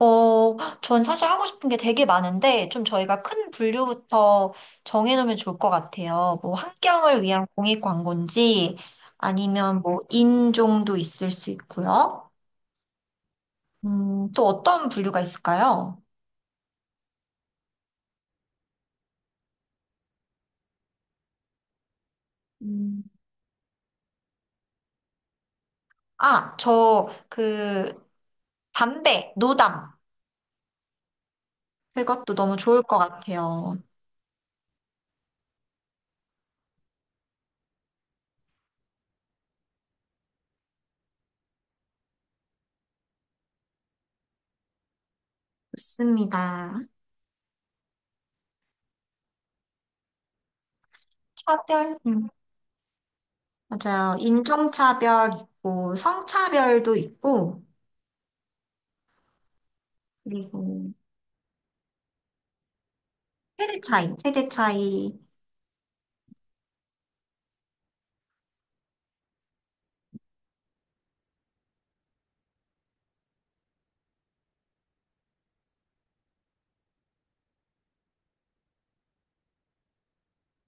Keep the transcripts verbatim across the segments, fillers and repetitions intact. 어, 전 사실 하고 싶은 게 되게 많은데, 좀 저희가 큰 분류부터 정해놓으면 좋을 것 같아요. 뭐, 환경을 위한 공익 광고인지, 아니면 뭐, 인종도 있을 수 있고요. 음, 또 어떤 분류가 있을까요? 음, 아, 저, 그, 담배, 노담. 그것도 너무 좋을 것 같아요. 좋습니다. 차별, 음, 맞아요. 인종차별 있고, 성차별도 있고, 그리고, 세대 차이, 세대 차이.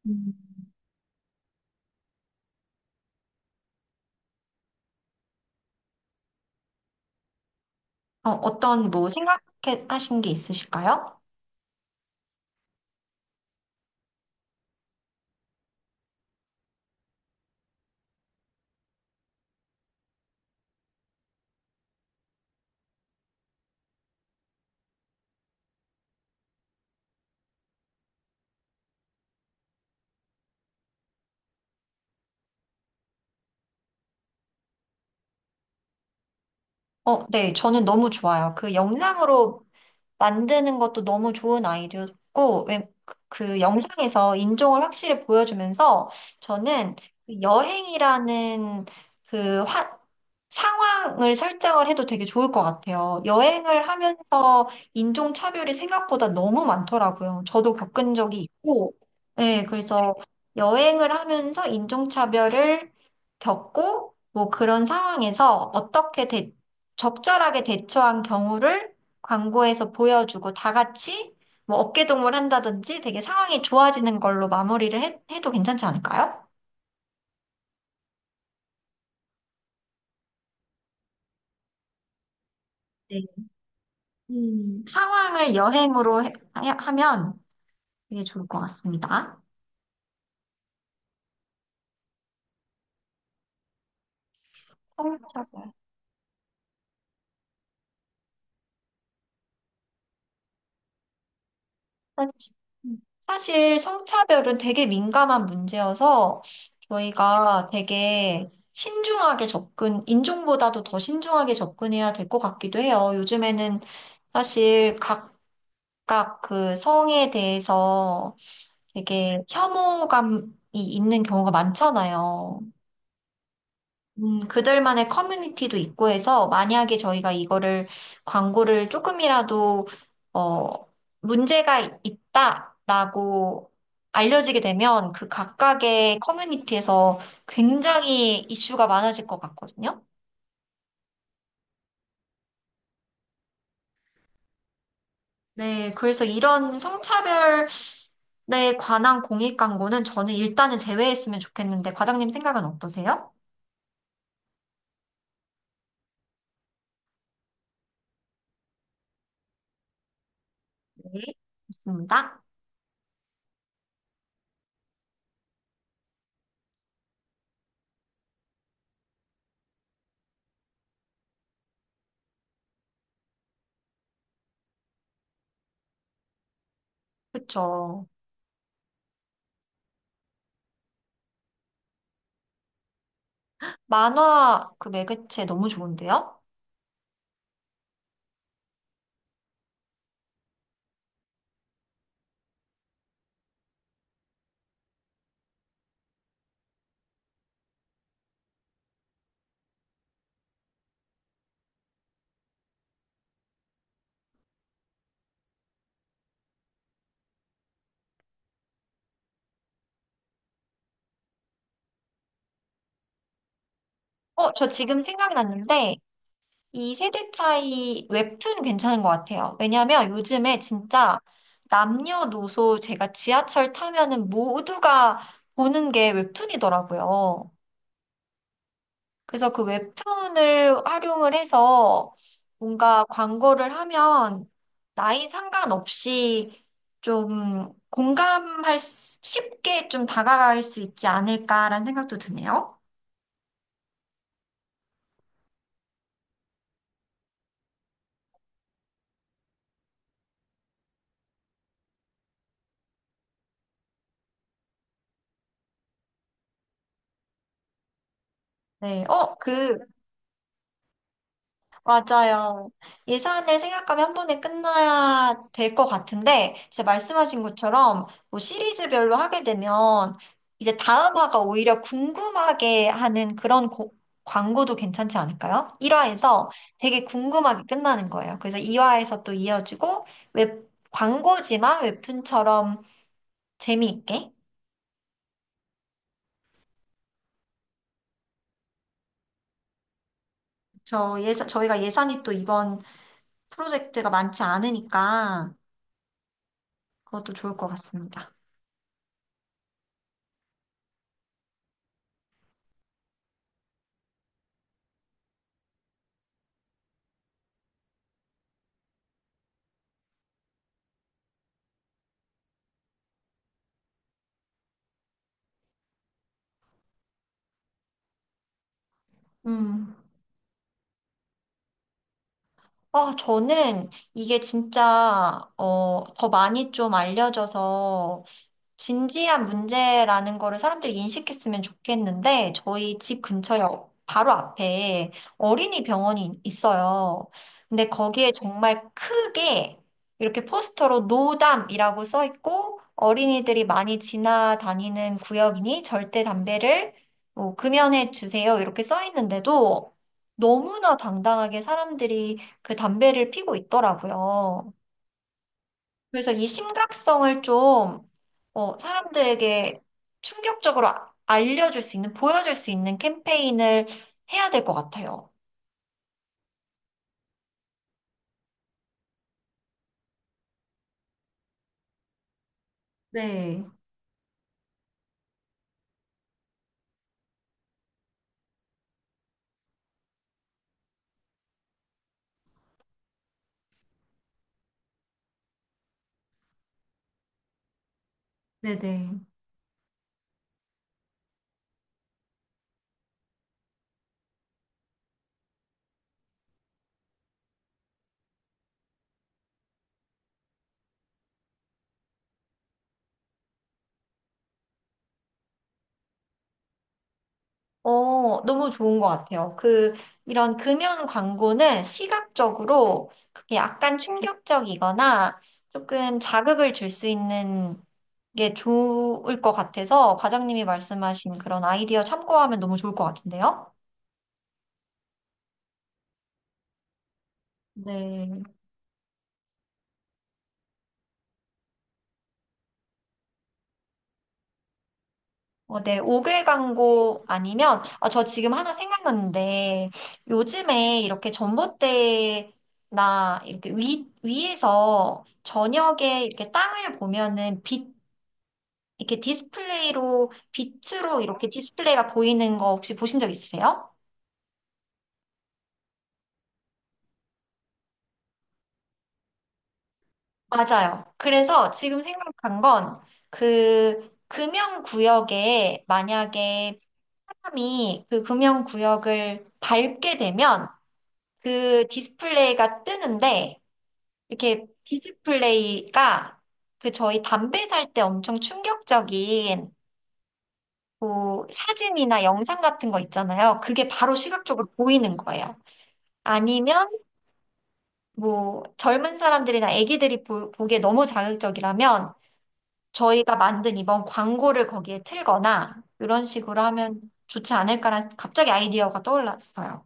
음. 어, 어떤 뭐 생각하신 게 있으실까요? 어, 네, 저는 너무 좋아요. 그 영상으로 만드는 것도 너무 좋은 아이디어였고, 왜, 그그 영상에서 인종을 확실히 보여주면서 저는 그 여행이라는 그 화, 상황을 설정을 해도 되게 좋을 것 같아요. 여행을 하면서 인종차별이 생각보다 너무 많더라고요. 저도 겪은 적이 있고, 네, 그래서 여행을 하면서 인종차별을 겪고, 뭐 그런 상황에서 어떻게 대, 적절하게 대처한 경우를 광고에서 보여주고 다 같이 뭐 어깨동무를 한다든지 되게 상황이 좋아지는 걸로 마무리를 해, 해도 괜찮지 않을까요? 네. 음, 상황을 여행으로 해- 하- 하면 되게 좋을 것 같습니다. 성차별. 사실 음, 사실 성차별은 되게 민감한 문제여서 저희가 되게 신중하게 접근, 인종보다도 더 신중하게 접근해야 될 것 같기도 해요. 요즘에는 사실 각 각각 그 성에 대해서 되게 혐오감이 있는 경우가 많잖아요. 음, 그들만의 커뮤니티도 있고 해서 만약에 저희가 이거를 광고를 조금이라도 어, 문제가 있다라고 알려지게 되면 그 각각의 커뮤니티에서 굉장히 이슈가 많아질 것 같거든요. 네, 그래서 이런 에 관한 공익 광고는 저는 일단은 제외했으면 좋겠는데, 과장님 생각은 어떠세요? 네. 좋습니다. 그쵸. 만화 그 매개체 너무 좋은데요? 어, 저 지금 생각났는데, 이 세대 차이 웹툰 괜찮은 것 같아요. 왜냐면 요즘에 진짜 남녀노소 제가 지하철 타면은 모두가 보는 게 웹툰이더라고요. 그래서 그 웹툰을 활용을 해서 뭔가 광고를 하면 나이 상관없이 좀 공감할 수- 쉽게 좀 다가갈 수 있지 않을까라는 생각도 드네요. 네. 어, 그 맞아요. 예산을 생각하면 한 번에 끝나야 될 것 같은데, 진짜 말씀하신 것처럼 뭐 시리즈별로 하게 되면 이제 다음 화가 오히려 궁금하게 하는 그런 고- 광고도 괜찮지 않을까요? 일 화에서 되게 궁금하게 끝나는 거예요. 그래서 이 화에서 또 이어지고, 웹, 광고지만 웹툰처럼 재미있게. 저 예산, 저희가 예산이 또 이번 프로젝트가 많지 않으니까 그것도 좋을 것 같습니다. 음. 아, 저는 이게 진짜, 어, 더 많이 좀 알려져서 진지한 문제라는 거를 사람들이 인식했으면 좋겠는데, 저희 집 근처에 어- 바로 앞에 어린이 병원이 있어요. 근데 거기에 정말 크게 이렇게 포스터로 노담이라고 써 있고, 어린이들이 많이 지나다니는 구역이니 절대 담배를 뭐 금연해 주세요. 이렇게 써 있는데도 너무나 당당하게 사람들이 그 담배를 피고 있더라고요. 그래서 이 심각성을 좀 어, 사람들에게 충격적으로 아- 알려줄 수 있는, 보여줄 수 있는 캠페인을 해야 될 것 같아요. 네, 네네. 어, 너무 좋은 것 같아요. 그, 이런 금연 광고는 시각적으로 그렇게 약간 충격적이거나 조금 자극을 줄 수 있는 게 좋을 것 같아서 과장님이 말씀하신 그런 아이디어 참고하면 너무 좋을 것 같은데요? 네. 어, 네, 옥개 광고 아니면, 아, 저 지금 하나 생각났는데, 요즘에 이렇게 전봇대나 이렇게 위, 위에서 저녁에 이렇게 땅을 보면은 빛, 이렇게 디스플레이로, 빛으로 이렇게 디스플레이가 보이는 거 혹시 보신 적 있으세요? 맞아요. 그래서 지금 생각한 건, 그, 금연구역에 만약에 사람이 그 금연구역을 밟게 되면, 그 디스플레이가 뜨는데 이렇게 디스플레이가 그 저희 담배 살 때 엄청 충격적인 뭐 사진이나 영상 같은 거 있잖아요. 그게 바로 시각적으로 보이는 거예요. 아니면 뭐 젊은 사람들이나 아기들이 보, 보기에 너무 자극적이라면 저희가 만든 이번 광고를 거기에 틀거나 이런 식으로 하면 좋지 않을까라는 갑자기 아이디어가 떠올랐어요.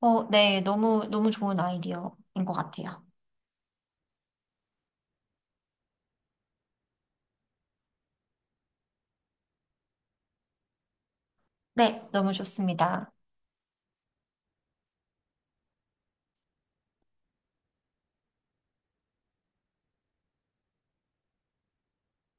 어, 네, 너무 너무 좋은 아이디어인 것 같아요. 네, 너무 좋습니다.